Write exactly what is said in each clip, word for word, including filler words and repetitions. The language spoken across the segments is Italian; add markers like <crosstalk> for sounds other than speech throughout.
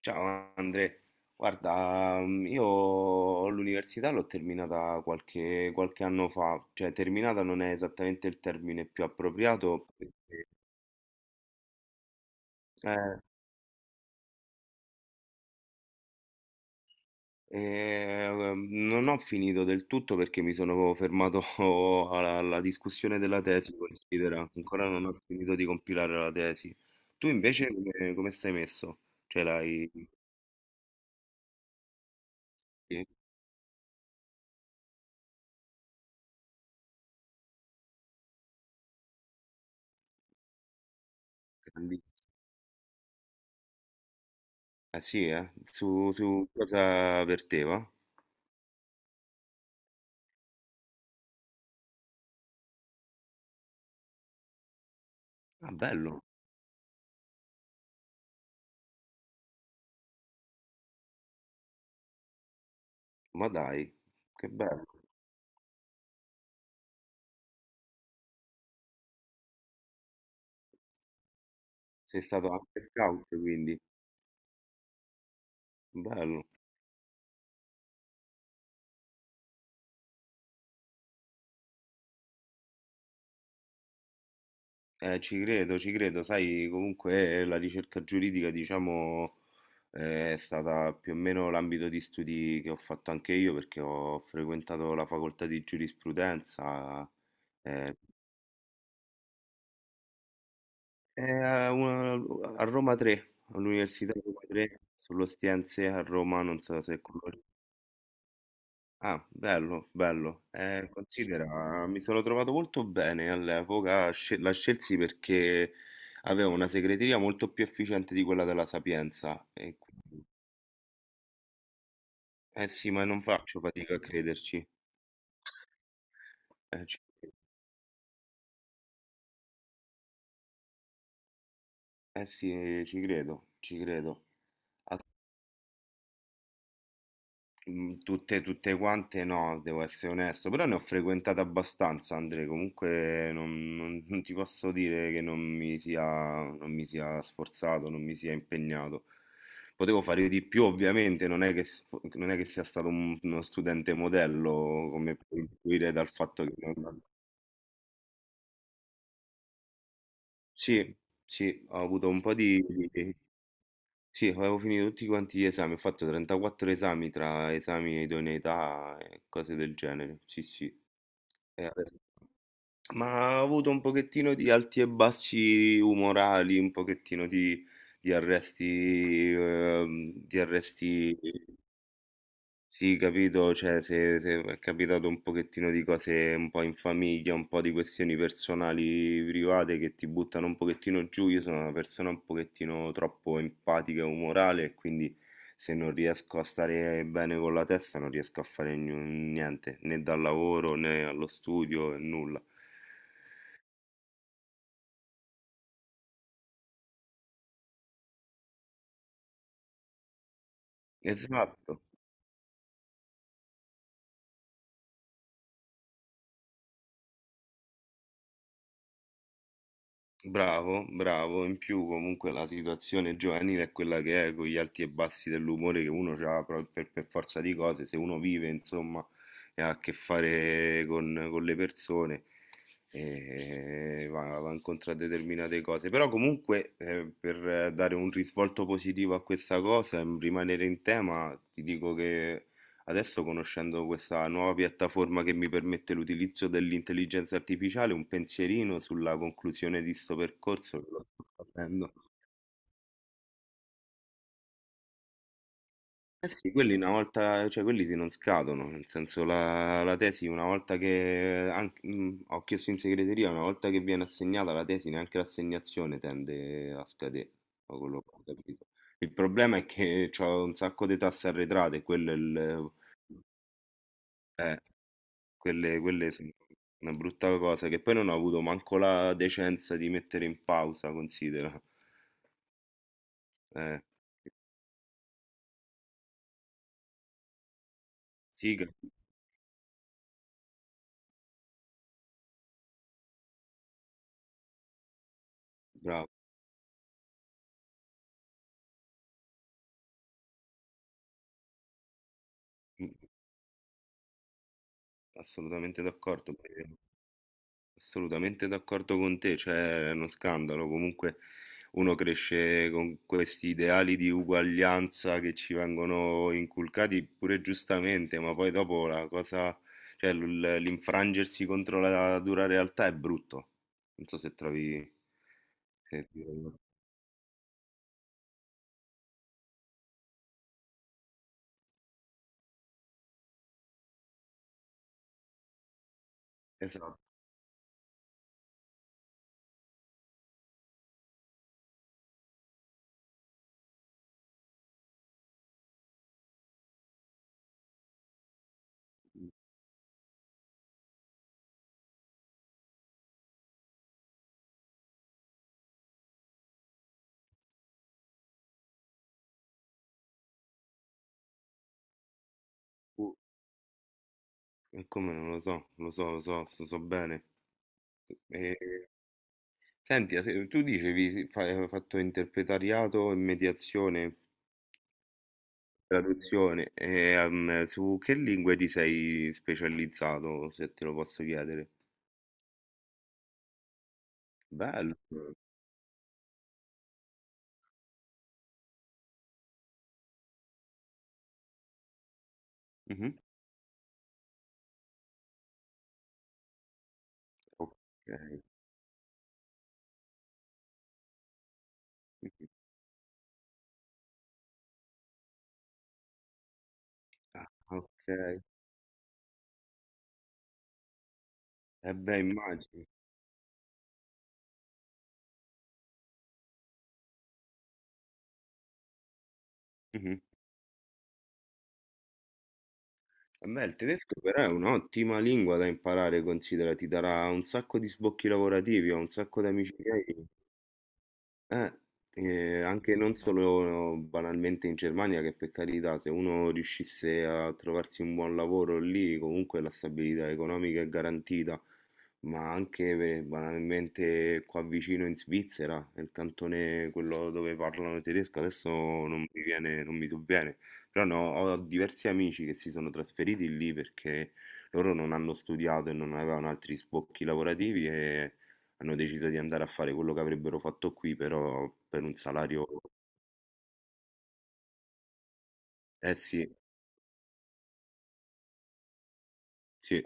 Ciao Andre, guarda, mm, io l'università l'ho terminata qualche, qualche anno fa, cioè terminata non è esattamente il termine più appropriato, eh, eh, non ho finito del tutto perché mi sono fermato <laughs> alla, alla discussione della tesi, considera, ancora non ho finito di compilare la tesi. Tu invece come, come stai messo? Cioè l'hai... Sì? Grandissimo. Ah sì, eh? Su, su cosa verteva? Ah, bello. Ma dai, che bello. Sei stato anche scout, quindi bello. Eh, ci credo, ci credo. Sai, comunque eh, la ricerca giuridica, diciamo, eh, è stata più o meno l'ambito di studi che ho fatto anche io perché ho frequentato la facoltà di giurisprudenza eh, eh, a, una- a Roma tre, all'Università di Roma tre, sull'Ostiense a Roma, non so se conosci. Ah, bello, bello. Eh, considera, mi sono trovato molto bene all'epoca, scel- la scelsi perché avevo una segreteria molto più efficiente di quella della Sapienza. E quindi- eh sì, ma non faccio fatica a crederci. Eh, ci- eh sì, ci credo, ci credo. Mm, Tutte, tutte quante no, devo essere onesto, però ne ho frequentate abbastanza, Andre, comunque non, non- non ti posso dire che non mi sia, non mi sia sforzato, non mi sia impegnato. Potevo fare di più, ovviamente, non è che, s- non è che sia stato un- uno studente modello, come puoi intuire dal fatto che... non- Sì, sì, ho avuto un po' di... di- Sì, avevo finito tutti quanti gli esami, ho fatto trentaquattro esami tra esami e idoneità e cose del genere, sì, sì. Eh, adesso- Ma ha avuto un pochettino di alti e bassi umorali, un pochettino di, di arresti, ehm, di arresti, sì, capito? Cioè, se, se è capitato un pochettino di cose un po' in famiglia, un po' di questioni personali, private che ti buttano un pochettino giù. Io sono una persona un pochettino troppo empatica e umorale, e quindi se non riesco a stare bene con la testa, non riesco a fare gnu- niente, né dal lavoro né allo studio, né nulla. Esatto, bravo, bravo. In più comunque la situazione giovanile è quella che è, con gli alti e bassi dell'umore che uno ha per, per forza di cose, se uno vive, insomma, e ha a che fare con, con le persone, eh, va, va incontro a determinate cose. Però comunque eh, per eh, dare un risvolto positivo a questa cosa, e rimanere in tema, ti dico che adesso conoscendo questa nuova piattaforma che mi permette l'utilizzo dell'intelligenza artificiale, un pensierino sulla conclusione di sto percorso me lo sto facendo. Eh sì, quelli una volta, cioè quelli si non scadono, nel senso la, la tesi una volta che, anche- mh, ho chiesto in segreteria, una volta che viene assegnata la tesi neanche l'assegnazione tende a scadere, da quello che ho capito. Il problema è che ho un sacco di tasse arretrate, quello è il... eh. Quelle, quelle sono una brutta cosa che poi non ho avuto manco la decenza di mettere in pausa, considera. Eh, sì, che- Bravo, mm, assolutamente d'accordo, eh, assolutamente d'accordo con te, cioè è uno scandalo, comunque uno cresce con questi ideali di uguaglianza che ci vengono inculcati pure giustamente, ma poi dopo la cosa, cioè l- l'infrangersi contro la dura realtà è brutto, non so se trovi... se- Esatto. Uh, e come non lo so, lo so, lo so, lo so bene. E, senti, se- tu dicevi sì, fa- hai fatto interpretariato e mediazione, traduzione, e, ehm, su che lingue ti sei specializzato, se te lo posso chiedere? Bello. Mhm. Ok. Mhm. Ah, ok. E beh, immagino. Mhm. Eh beh, il tedesco però è un'ottima lingua da imparare, considera, ti darà un sacco di sbocchi lavorativi, ho un sacco di amici miei. Eh, eh, anche non solo eh, banalmente in Germania, che per carità, se uno riuscisse a trovarsi un buon lavoro lì, comunque la stabilità economica è garantita, ma anche beh, banalmente qua vicino in Svizzera, nel cantone quello dove parlano tedesco, adesso non mi viene, non mi sovviene, però no, ho diversi amici che si sono trasferiti lì perché loro non hanno studiato e non avevano altri sbocchi lavorativi e hanno deciso di andare a fare quello che avrebbero fatto qui, però per un salario... Eh sì, sì,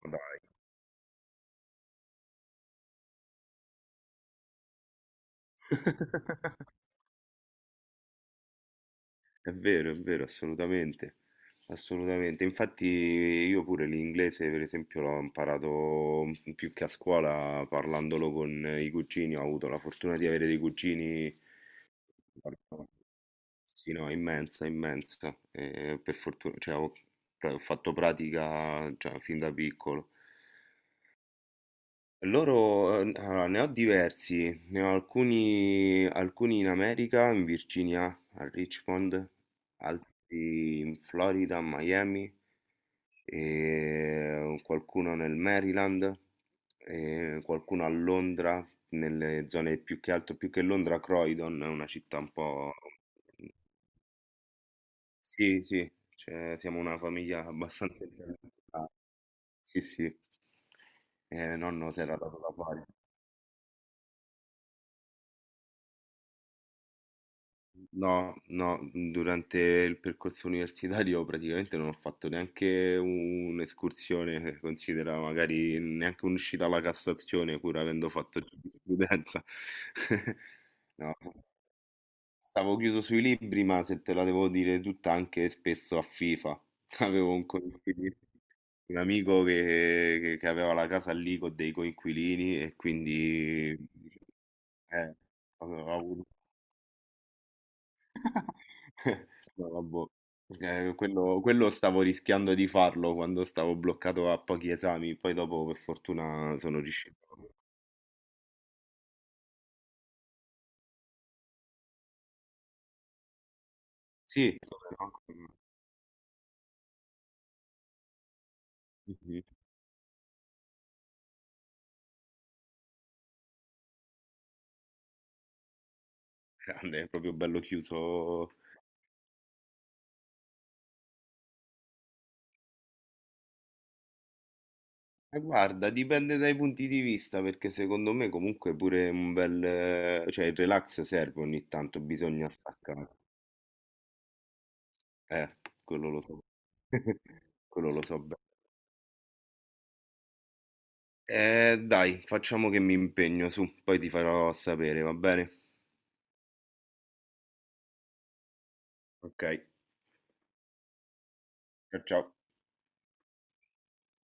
ma dai. <laughs> È vero, è vero, assolutamente, assolutamente. Infatti io pure l'inglese, per esempio, l'ho imparato più che a scuola parlandolo con i cugini, ho avuto la fortuna di avere dei cugini, guarda, sì, no, immensa, immensa. E per fortuna, cioè, ho, cioè, ho fatto pratica, cioè, fin da piccolo. Loro, eh, allora, ne ho diversi, ne ho alcuni, alcuni in America, in Virginia, a Richmond, altri in Florida, a Miami, e qualcuno nel Maryland, e qualcuno a Londra, nelle zone più che altro, più che Londra, Croydon, è una città un po'... Sì, sì, cioè, siamo una famiglia <laughs> abbastanza... internazionale. Sì, sì, eh, nonno si era dato da fare. No, no, mhmm, durante il percorso universitario praticamente non ho fatto neanche un'escursione, eh, considera magari neanche un'uscita alla Cassazione, pur avendo fatto giurisprudenza. <laughs> No, stavo chiuso sui libri, ma se te la devo dire tutta, anche spesso a FIFA. <laughs> Avevo un coinquilino, un amico che, che- che aveva la casa lì con dei coinquilini e quindi eh, ho ho avuto <laughs> No, vabbò. Eh, quello, quello stavo rischiando di farlo quando stavo bloccato a pochi esami, poi dopo per fortuna sono riuscito. Sì, mhm, grande, è proprio bello chiuso. Eh, Guarda, dipende dai punti di vista, perché secondo me comunque pure un bel... eh, cioè il relax serve ogni tanto, bisogna staccare. Eh, quello lo so. <laughs> Quello lo so bene. Eh, dai, facciamo che mi impegno su, poi ti farò sapere, va bene? Okay, cia ciao.